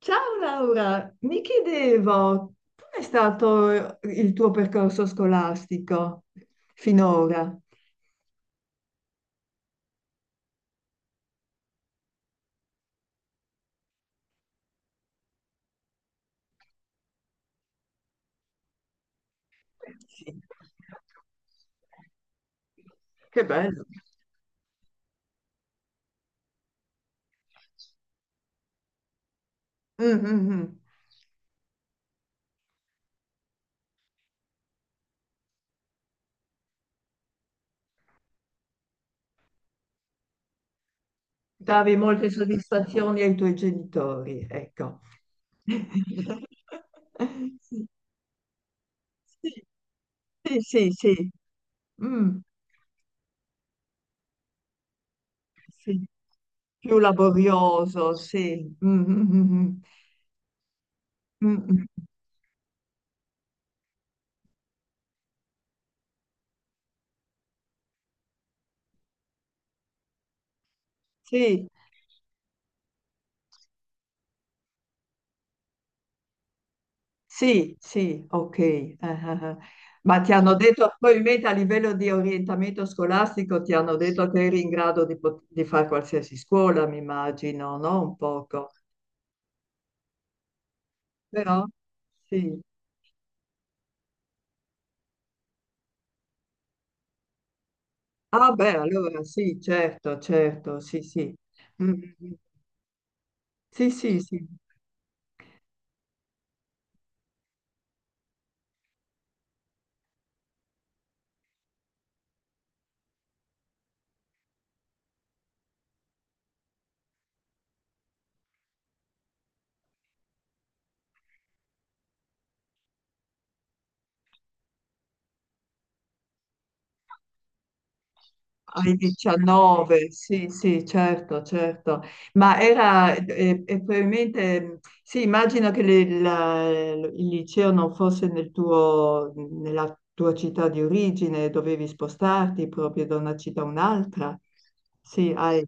Ciao Laura, mi chiedevo, com'è stato il tuo percorso scolastico finora? Sì. Che bello. Mm, mm, mm. Davi molte soddisfazioni ai tuoi genitori, ecco. Sì, sì, sì, sì. Mm, sì. Più laborioso, sì. Mm, mm, mm, mm. Mm, mm. Sì, sì, sì, ok. Eh, eh. Ma ti hanno detto, probabilmente a livello di orientamento scolastico, ti hanno detto che eri in grado di, di fare qualsiasi scuola, mi immagino, no? Un poco. Però, sì. Ah, beh, allora sì, certo, certo, sì, sì. Mm, mm, mm. Sì, sì, sì. Ai 19, sì, sì, certo, certo. Ma era, e probabilmente, sì, immagino che il liceo non fosse nel tuo, nella tua città di origine, dovevi spostarti proprio da una città a un'altra. Sì, hai...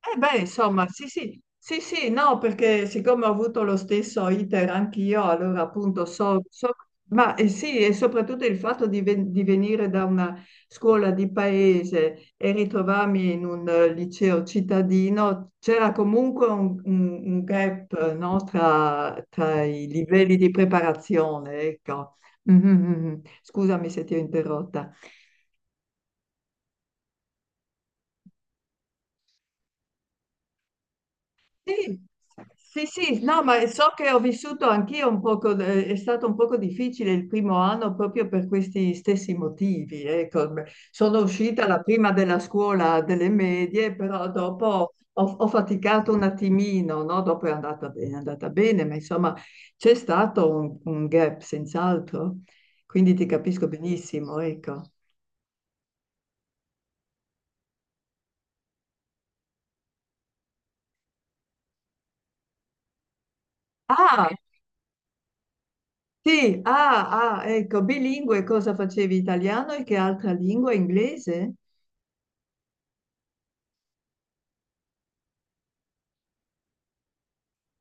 Eh beh, insomma, sì, sì, sì, sì, no, perché siccome ho avuto lo stesso iter anch'io, allora appunto so. Ma sì, e soprattutto il fatto di venire da una scuola di paese e ritrovarmi in un liceo cittadino, c'era comunque un gap, no, tra i livelli di preparazione, ecco. Mhm, mhm. Scusami se ti ho interrotta. Sì, sì, sì, no, ma so che ho vissuto anch'io un poco, è stato un poco difficile il primo anno proprio per questi stessi motivi. Ecco. Beh, sono uscita la prima della scuola delle medie, però dopo ho faticato un attimino, no? Dopo è andata bene, ma insomma c'è stato un gap senz'altro, quindi ti capisco benissimo, ecco. Ah, sì, ah, ah, ecco, bilingue, cosa facevi? Italiano e che altra lingua? Inglese?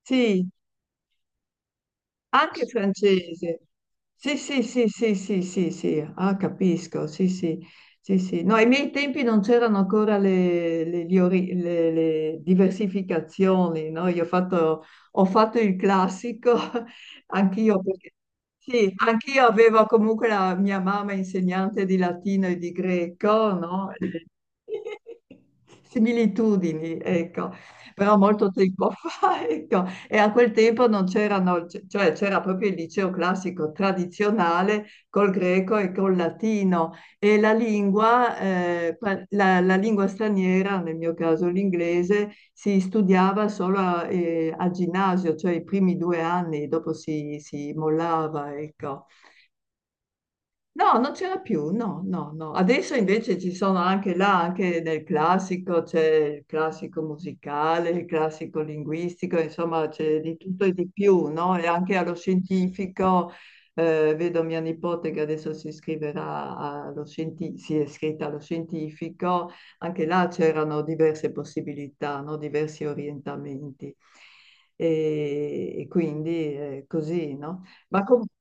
Sì, anche francese. Sì, sì, sì, sì, sì, sì, sì, ah, capisco, sì, sì, sì, sì. No, ai miei tempi non c'erano ancora le diversificazioni, no? Io ho fatto il classico, anch'io, perché, sì, anch'io avevo comunque la mia mamma insegnante di latino e di greco, no? Similitudini, ecco, però molto tempo fa, ecco. E a quel tempo non c'erano, cioè c'era proprio il liceo classico tradizionale col greco e col latino e la lingua, la lingua straniera, nel mio caso l'inglese, si studiava solo al ginnasio, cioè i primi due anni, dopo si mollava, ecco. No, non c'era più, no, no, no. Adesso invece ci sono anche là, anche nel classico, c'è il classico musicale, il classico linguistico, insomma c'è di tutto e di più, no? E anche allo scientifico, vedo mia nipote che adesso si iscriverà allo si è iscritta allo scientifico, anche là c'erano diverse possibilità, no? Diversi orientamenti. E quindi così, no? Ma comunque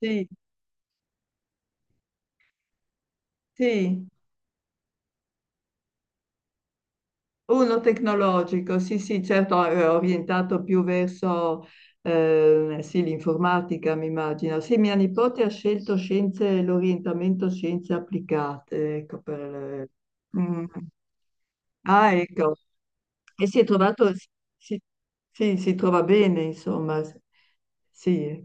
sì. Sì, uno tecnologico, sì, sì, certo, è orientato più verso sì, l'informatica, mi immagino. Sì, mia nipote ha scelto scienze, l'orientamento scienze applicate, ecco, Mm. Ah, ecco. E si è trovato, si- sì, si trova bene, insomma. Sì,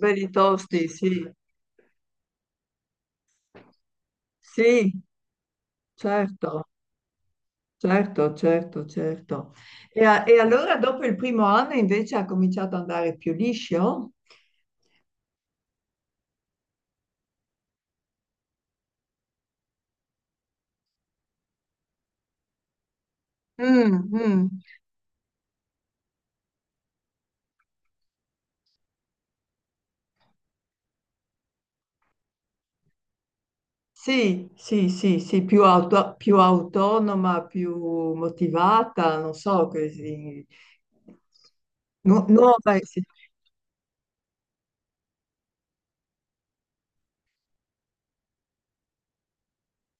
belli tosti, sì. Sì, certo. Certo, certo, certo. E allora dopo il primo anno invece ha cominciato ad andare più liscio? Mm, mm. Sì, sì, sì, sì, più autonoma, più motivata, non so, così. Nuova, sì.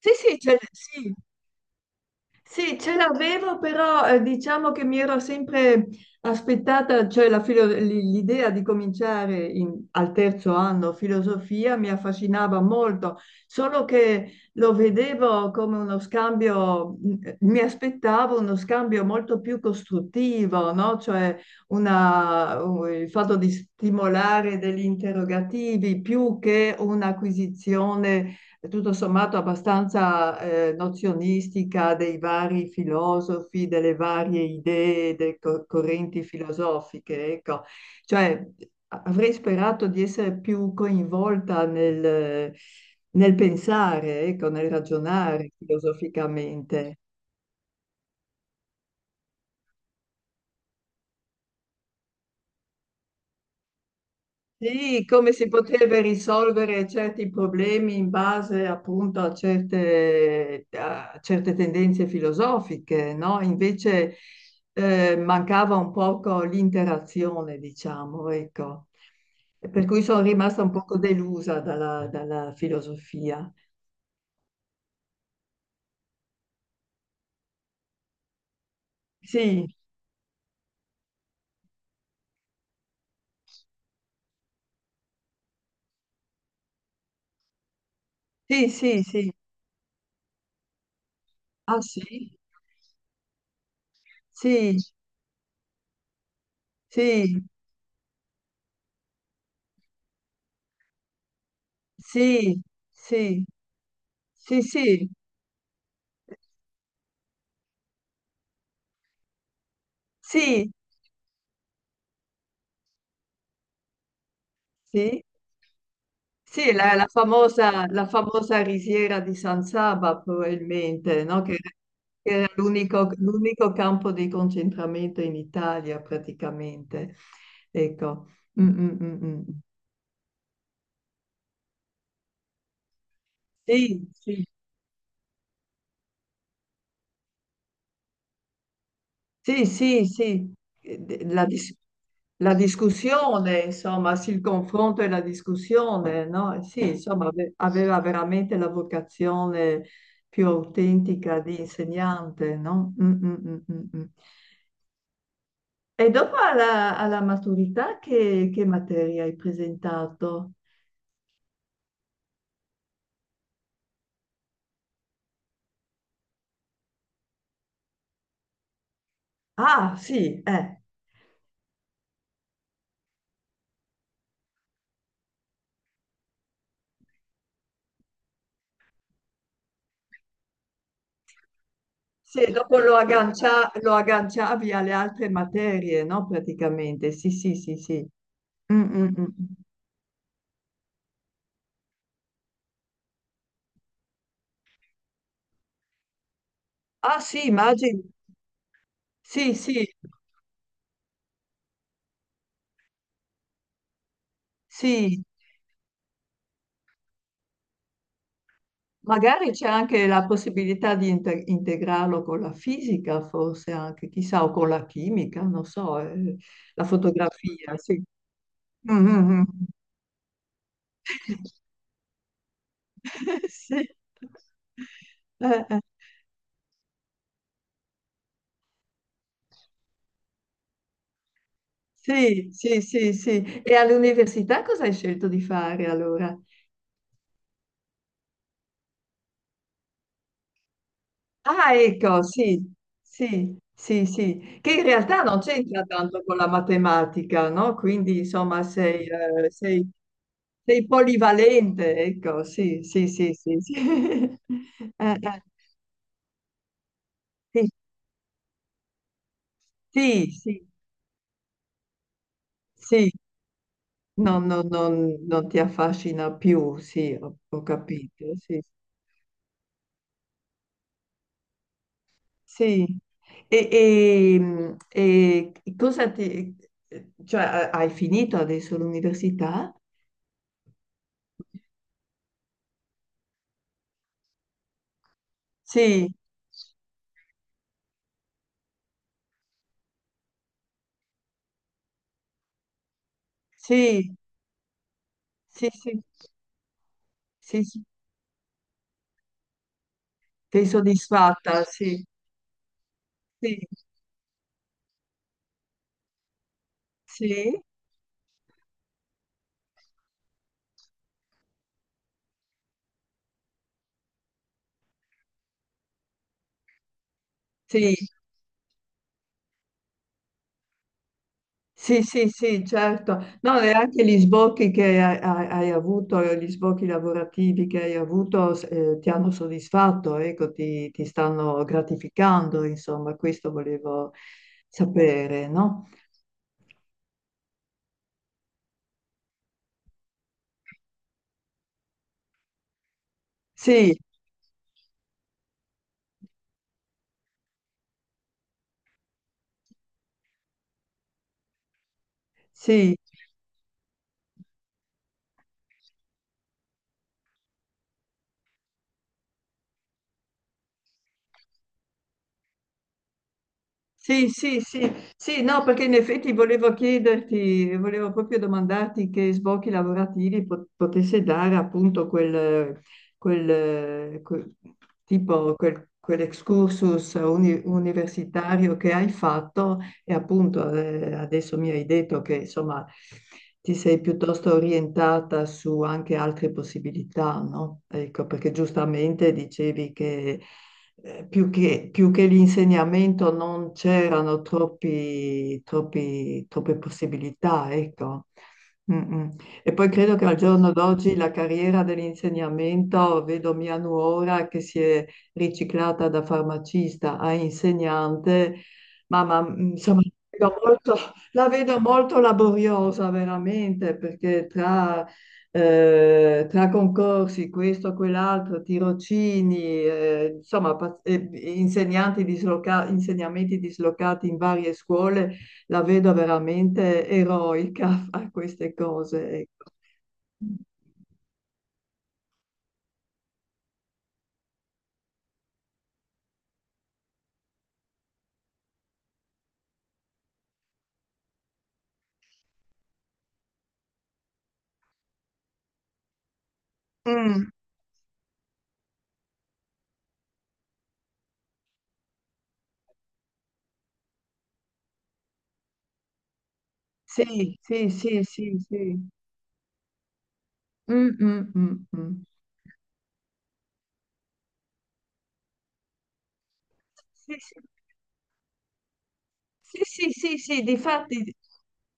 Sì, sì, sì, sì, ce l'avevo, però diciamo che mi ero sempre aspettata, cioè l'idea di cominciare al terzo anno filosofia mi affascinava molto, solo che lo vedevo come uno scambio, mi aspettavo uno scambio molto più costruttivo, no? Cioè il fatto di stimolare degli interrogativi più che un'acquisizione tutto sommato abbastanza nozionistica dei vari filosofi, delle varie idee, delle correnti filosofiche, ecco. Cioè, avrei sperato di essere più coinvolta nel pensare, ecco, nel ragionare filosoficamente. Sì, come si poteva risolvere certi problemi in base appunto a certe tendenze filosofiche, no? Invece mancava un poco l'interazione, diciamo, ecco. Per cui sono rimasta un poco delusa dalla filosofia. Sì, sì, sì, sì. Ah, sì? Sì, sì, sì, sì, sì, sì, sì, sì, sì. Sì, la famosa risiera di San Saba, probabilmente, no? Che era l'unico campo di concentramento in Italia, praticamente. Ecco. Mm, mm, mm, mm. Mm. Sì, sì, sì, sì, sì. Eh, de- La, dis- la discussione, insomma, sì, il confronto e la discussione, no? Sì, insomma, aveva veramente la vocazione più autentica di insegnante, no? Mm, mm, mm, mm, mm. E dopo alla maturità che materia hai presentato? Ah, sì, eh. Sì, e dopo lo agganciavi alle altre materie, no? Praticamente, sì, sì, sì, sì. Mm, mm, mm. Ah, sì, immagino. Sì, sì, sì. Magari c'è anche la possibilità di integrarlo con la fisica, forse anche, chissà, o con la chimica, non so, la fotografia, sì. Mm, mm, mm. Sì. Eh. Sì, sì, sì, sì. E all'università cosa hai scelto di fare allora? Ah, ecco, sì, sì, sì, sì, che in realtà non c'entra tanto con la matematica, no? Quindi, insomma, sei polivalente, ecco, sì, sì, sì, sì, sì. Eh, eh, sì, sì, sì, sì. No, no, non ti affascina più, sì, ho capito, sì, sì. Sì, e cosa ti... cioè hai finito adesso l'università? Sì, sì, sì, sì, sì, sì. Sei soddisfatta, sì, sì, sì, sì, sì, sì, sì, certo. No, e anche gli sbocchi che hai avuto, gli sbocchi lavorativi che hai avuto, ti hanno soddisfatto, ecco, ti stanno gratificando, insomma, questo volevo sapere, no? Sì, sì, sì, sì, sì, sì, no, perché in effetti volevo chiederti, volevo proprio domandarti che sbocchi lavorativi potesse dare appunto quel, quel- quell'excursus universitario che hai fatto e appunto adesso mi hai detto che insomma ti sei piuttosto orientata su anche altre possibilità, no? Ecco, perché giustamente dicevi che più che l'insegnamento non c'erano troppe possibilità, ecco. Mm, mm. E poi credo che al giorno d'oggi la carriera dell'insegnamento, vedo mia nuora che si è riciclata da farmacista a insegnante, insomma, la vedo molto, la vedo molto laboriosa veramente, perché tra concorsi, questo, quell'altro, tirocini, insomma, insegnamenti dislocati in varie scuole, la vedo veramente eroica a fare queste cose. Ecco. Mm, sì, sì, sì, sì, sì. Mm, mm, mm, mm. Sì, sì. Sì, sì, sì, sì, difatti,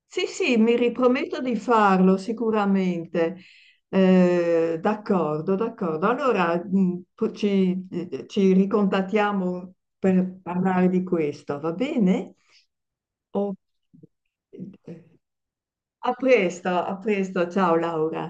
sì, sì, mi riprometto di farlo sicuramente. D'accordo, d'accordo. Allora, ci ricontattiamo per parlare di questo, va bene? O- eh, a presto, ciao Laura.